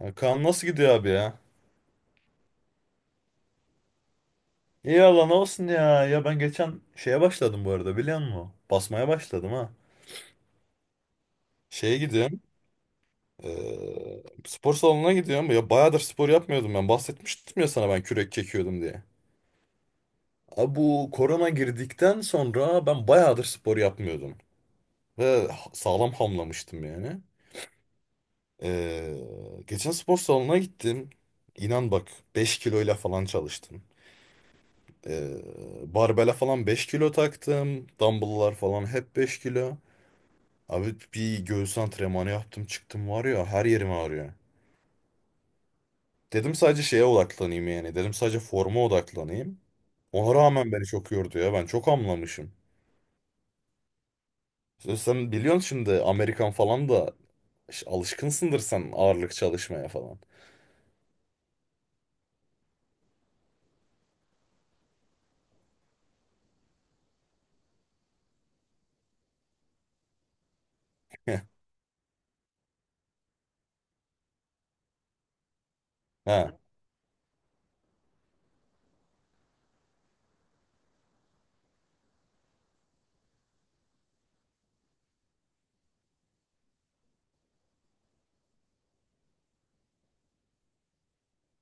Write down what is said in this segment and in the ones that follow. Ya Kaan nasıl gidiyor abi ya? İyi Allah ne olsun ya. Ya ben geçen şeye başladım bu arada biliyor musun? Basmaya başladım ha. Şeye gidiyorum. Spor salonuna gidiyorum. Ya bayağıdır spor yapmıyordum ben. Bahsetmiştim ya sana ben kürek çekiyordum diye. Abi bu korona girdikten sonra ben bayağıdır spor yapmıyordum. Ve sağlam hamlamıştım yani. Eee, Geçen spor salonuna gittim. İnan bak 5 kiloyla falan çalıştım. Ee, Barbele falan 5 kilo taktım. Dumbbell'lar falan hep 5 kilo. Abi bir göğüs antrenmanı yaptım çıktım var ya her yerim ağrıyor. Dedim sadece şeye odaklanayım yani. Dedim sadece forma odaklanayım. Ona rağmen beni çok yordu ya. Ben çok hamlamışım. Sen biliyorsun şimdi Amerikan falan da alışkınsındır sen ağırlık çalışmaya falan. Ha.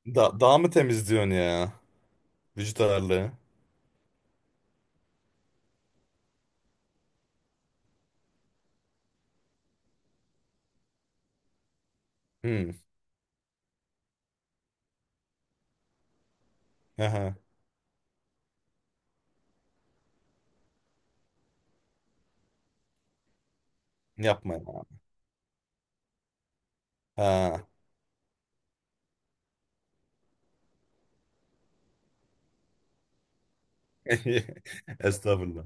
Daha mı temizliyorsun ya? Vücut ağırlığı. Hmm. Aha. Yapma ya. Ha. Estağfurullah.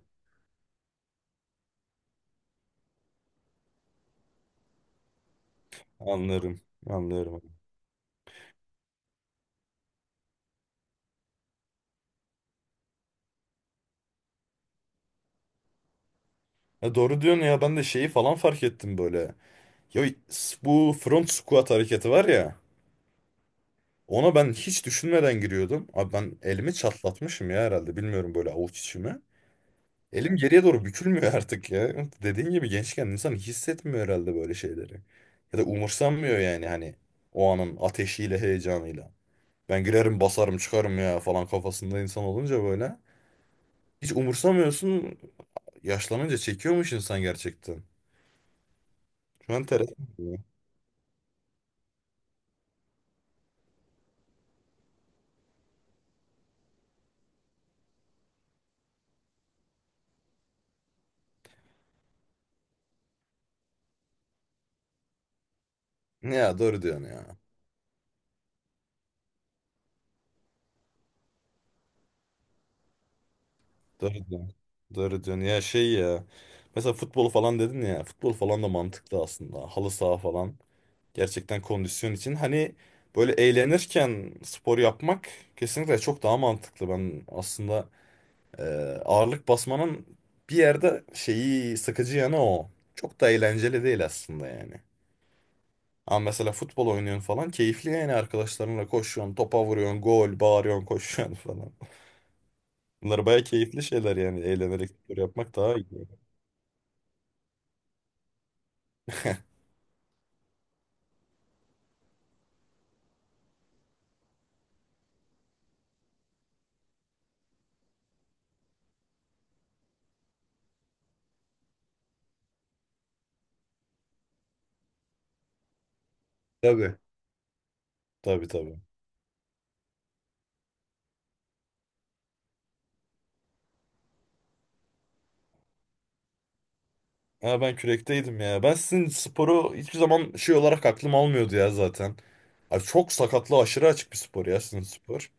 Anlarım. Anlarım. Ya doğru diyorsun ya ben de şeyi falan fark ettim böyle. Ya bu front squat hareketi var ya. Ona ben hiç düşünmeden giriyordum. Abi ben elimi çatlatmışım ya herhalde. Bilmiyorum böyle avuç içimi. Elim geriye doğru bükülmüyor artık ya. Dediğin gibi gençken insan hissetmiyor herhalde böyle şeyleri. Ya da umursamıyor yani hani o anın ateşiyle heyecanıyla. Ben girerim basarım çıkarım ya falan kafasında insan olunca böyle. Hiç umursamıyorsun. Yaşlanınca çekiyormuş insan gerçekten. Şu an teras ya. Ya doğru diyorsun ya. Doğru diyorsun. Doğru diyorsun. Ya şey ya. Mesela futbol falan dedin ya. Futbol falan da mantıklı aslında. Halı saha falan. Gerçekten kondisyon için. Hani böyle eğlenirken spor yapmak kesinlikle çok daha mantıklı. Ben aslında e, ağırlık basmanın bir yerde şeyi sıkıcı yanı o. Çok da eğlenceli değil aslında yani. Ama mesela futbol oynuyorsun falan keyifli yani arkadaşlarınla koşuyorsun, topa vuruyorsun, gol, bağırıyorsun, koşuyorsun falan. Bunlar baya keyifli şeyler yani. Eğlenerek spor yapmak daha iyi. Tabii. Tabii tabii. Ha ben kürekteydim ya. Ben sizin sporu hiçbir zaman şey olarak aklım almıyordu ya zaten. Abi çok sakatlı aşırı açık bir spor ya sizin spor.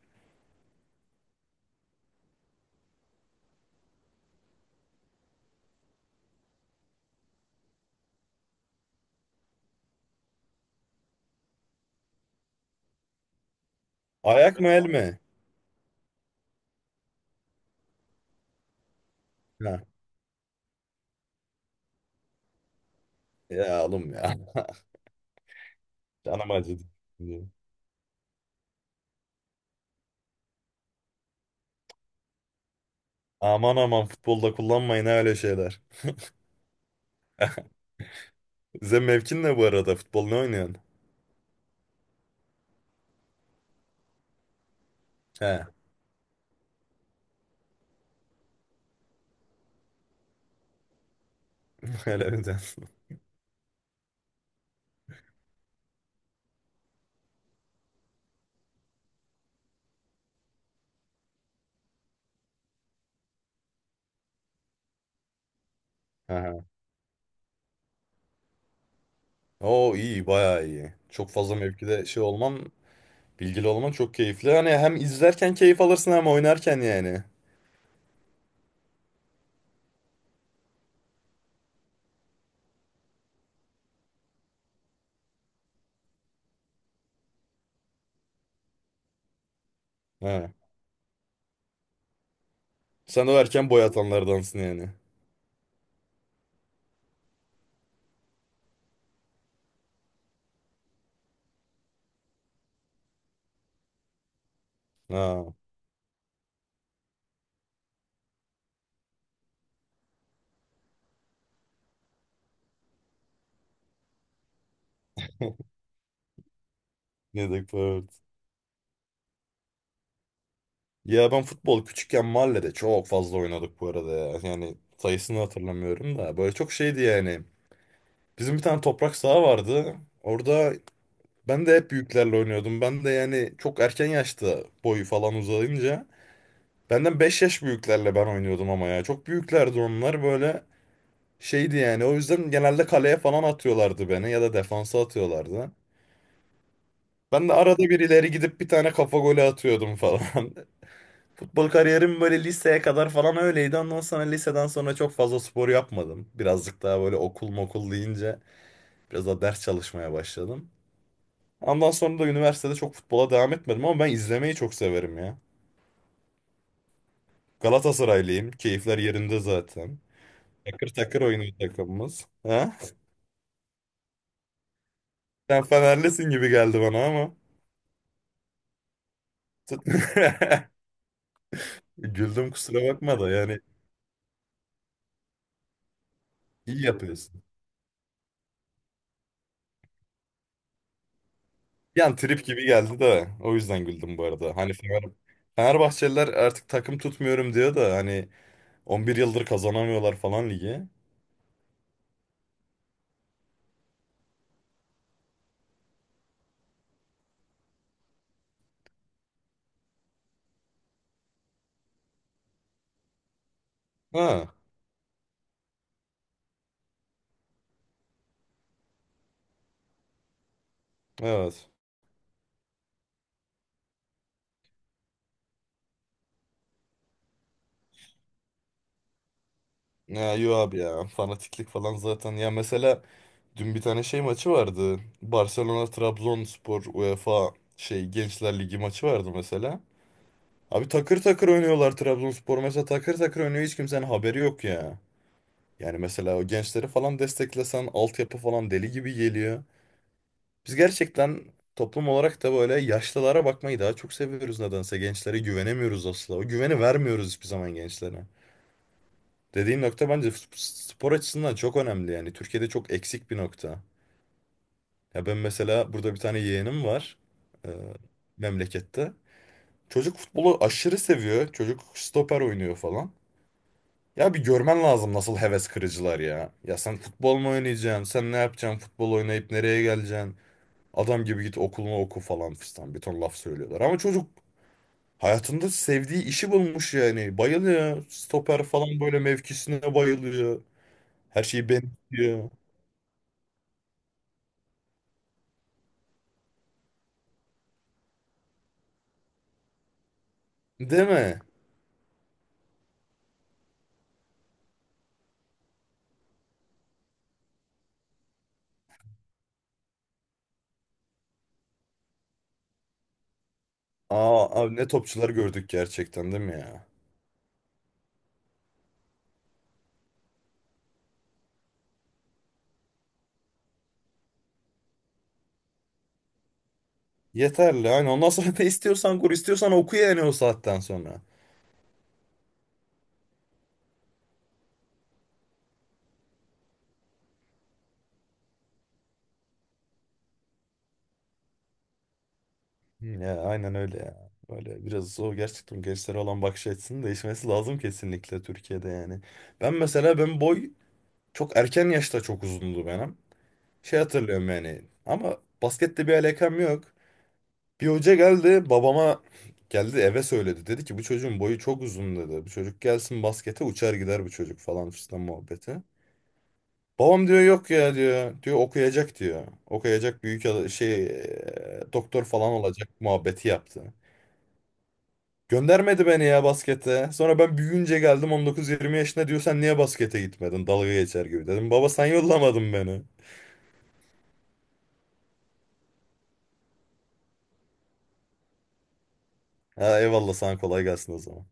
Ayak mı el mi? Ha. Ya oğlum ya. Canım acıdı. Aman aman futbolda kullanmayın ha öyle şeyler. Size mevkin ne bu arada? Futbol ne oynuyorsun? He. Öyle mi diyorsun? Aha. Oo iyi bayağı iyi. Çok fazla mevkide şey olman bilgili olman çok keyifli. Hani hem izlerken keyif alırsın hem oynarken yani. Ha. Sen de o erken boy atanlardansın yani. Ha. Ne dedik bu, evet. Ya ben futbol küçükken mahallede çok fazla oynadık bu arada ya. Yani sayısını hatırlamıyorum da. Böyle çok şeydi yani. Bizim bir tane toprak saha vardı. Orada ben de hep büyüklerle oynuyordum. Ben de yani çok erken yaşta boyu falan uzayınca. Benden 5 yaş büyüklerle ben oynuyordum ama ya. Çok büyüklerdi onlar böyle. Şeydi yani o yüzden genelde kaleye falan atıyorlardı beni ya da defansa atıyorlardı. Ben de arada bir ileri gidip bir tane kafa golü atıyordum falan. Futbol kariyerim böyle liseye kadar falan öyleydi. Ondan sonra liseden sonra çok fazla spor yapmadım. Birazcık daha böyle okul mokul deyince biraz daha ders çalışmaya başladım. Ondan sonra da üniversitede çok futbola devam etmedim ama ben izlemeyi çok severim ya. Galatasaraylıyım. Keyifler yerinde zaten. Takır takır oynuyor takımımız. Ha? Sen Fenerlisin gibi geldi bana ama. Güldüm kusura bakma da yani iyi yapıyorsun. Yani trip gibi geldi de o yüzden güldüm bu arada. Hani Fenerbahçeliler artık takım tutmuyorum diyor da hani 11 yıldır kazanamıyorlar falan ligi. Ha, evet. Ya yo abi ya fanatiklik falan zaten. Ya mesela dün bir tane şey maçı vardı. Barcelona Trabzonspor UEFA şey Gençler Ligi maçı vardı mesela. Abi takır takır oynuyorlar Trabzonspor mesela takır takır oynuyor hiç kimsenin haberi yok ya. Yani mesela o gençleri falan desteklesen altyapı falan deli gibi geliyor. Biz gerçekten toplum olarak da böyle yaşlılara bakmayı daha çok seviyoruz nedense. Gençlere güvenemiyoruz asla. O güveni vermiyoruz hiçbir zaman gençlere. Dediğin nokta bence spor açısından çok önemli yani. Türkiye'de çok eksik bir nokta. Ya ben mesela burada bir tane yeğenim var, e, memlekette. Çocuk futbolu aşırı seviyor. Çocuk stoper oynuyor falan. Ya bir görmen lazım nasıl heves kırıcılar ya. Ya sen futbol mu oynayacaksın? Sen ne yapacaksın? Futbol oynayıp nereye geleceksin? Adam gibi git okulunu oku falan fistan. Bir ton laf söylüyorlar. Ama çocuk hayatında sevdiği işi bulmuş yani. Bayılıyor. Stoper falan böyle mevkisine bayılıyor. Her şeyi benziyor. Değil mi? Aa, abi ne topçular gördük gerçekten değil mi ya? Yeterli. Aynen. Ondan sonra ne istiyorsan kur, istiyorsan oku yani o saatten sonra. Ya aynen öyle ya. Böyle biraz o gerçekten gençlere olan bakış açısının değişmesi lazım kesinlikle Türkiye'de yani. Ben mesela ben boy çok erken yaşta çok uzundu benim. Şey hatırlıyorum yani ama baskette bir alakam yok. Bir hoca geldi babama, geldi eve söyledi. Dedi ki bu çocuğun boyu çok uzun dedi. Bu çocuk gelsin baskete uçar gider bu çocuk falan fistan muhabbeti. Babam diyor yok ya diyor. Diyor okuyacak diyor. Okuyacak büyük şey doktor falan olacak muhabbeti yaptı. Göndermedi beni ya baskete. Sonra ben büyüyünce geldim 19-20 yaşında diyor sen niye baskete gitmedin? Dalga geçer gibi dedim. Baba sen yollamadın beni. Ha, eyvallah sana kolay gelsin o zaman.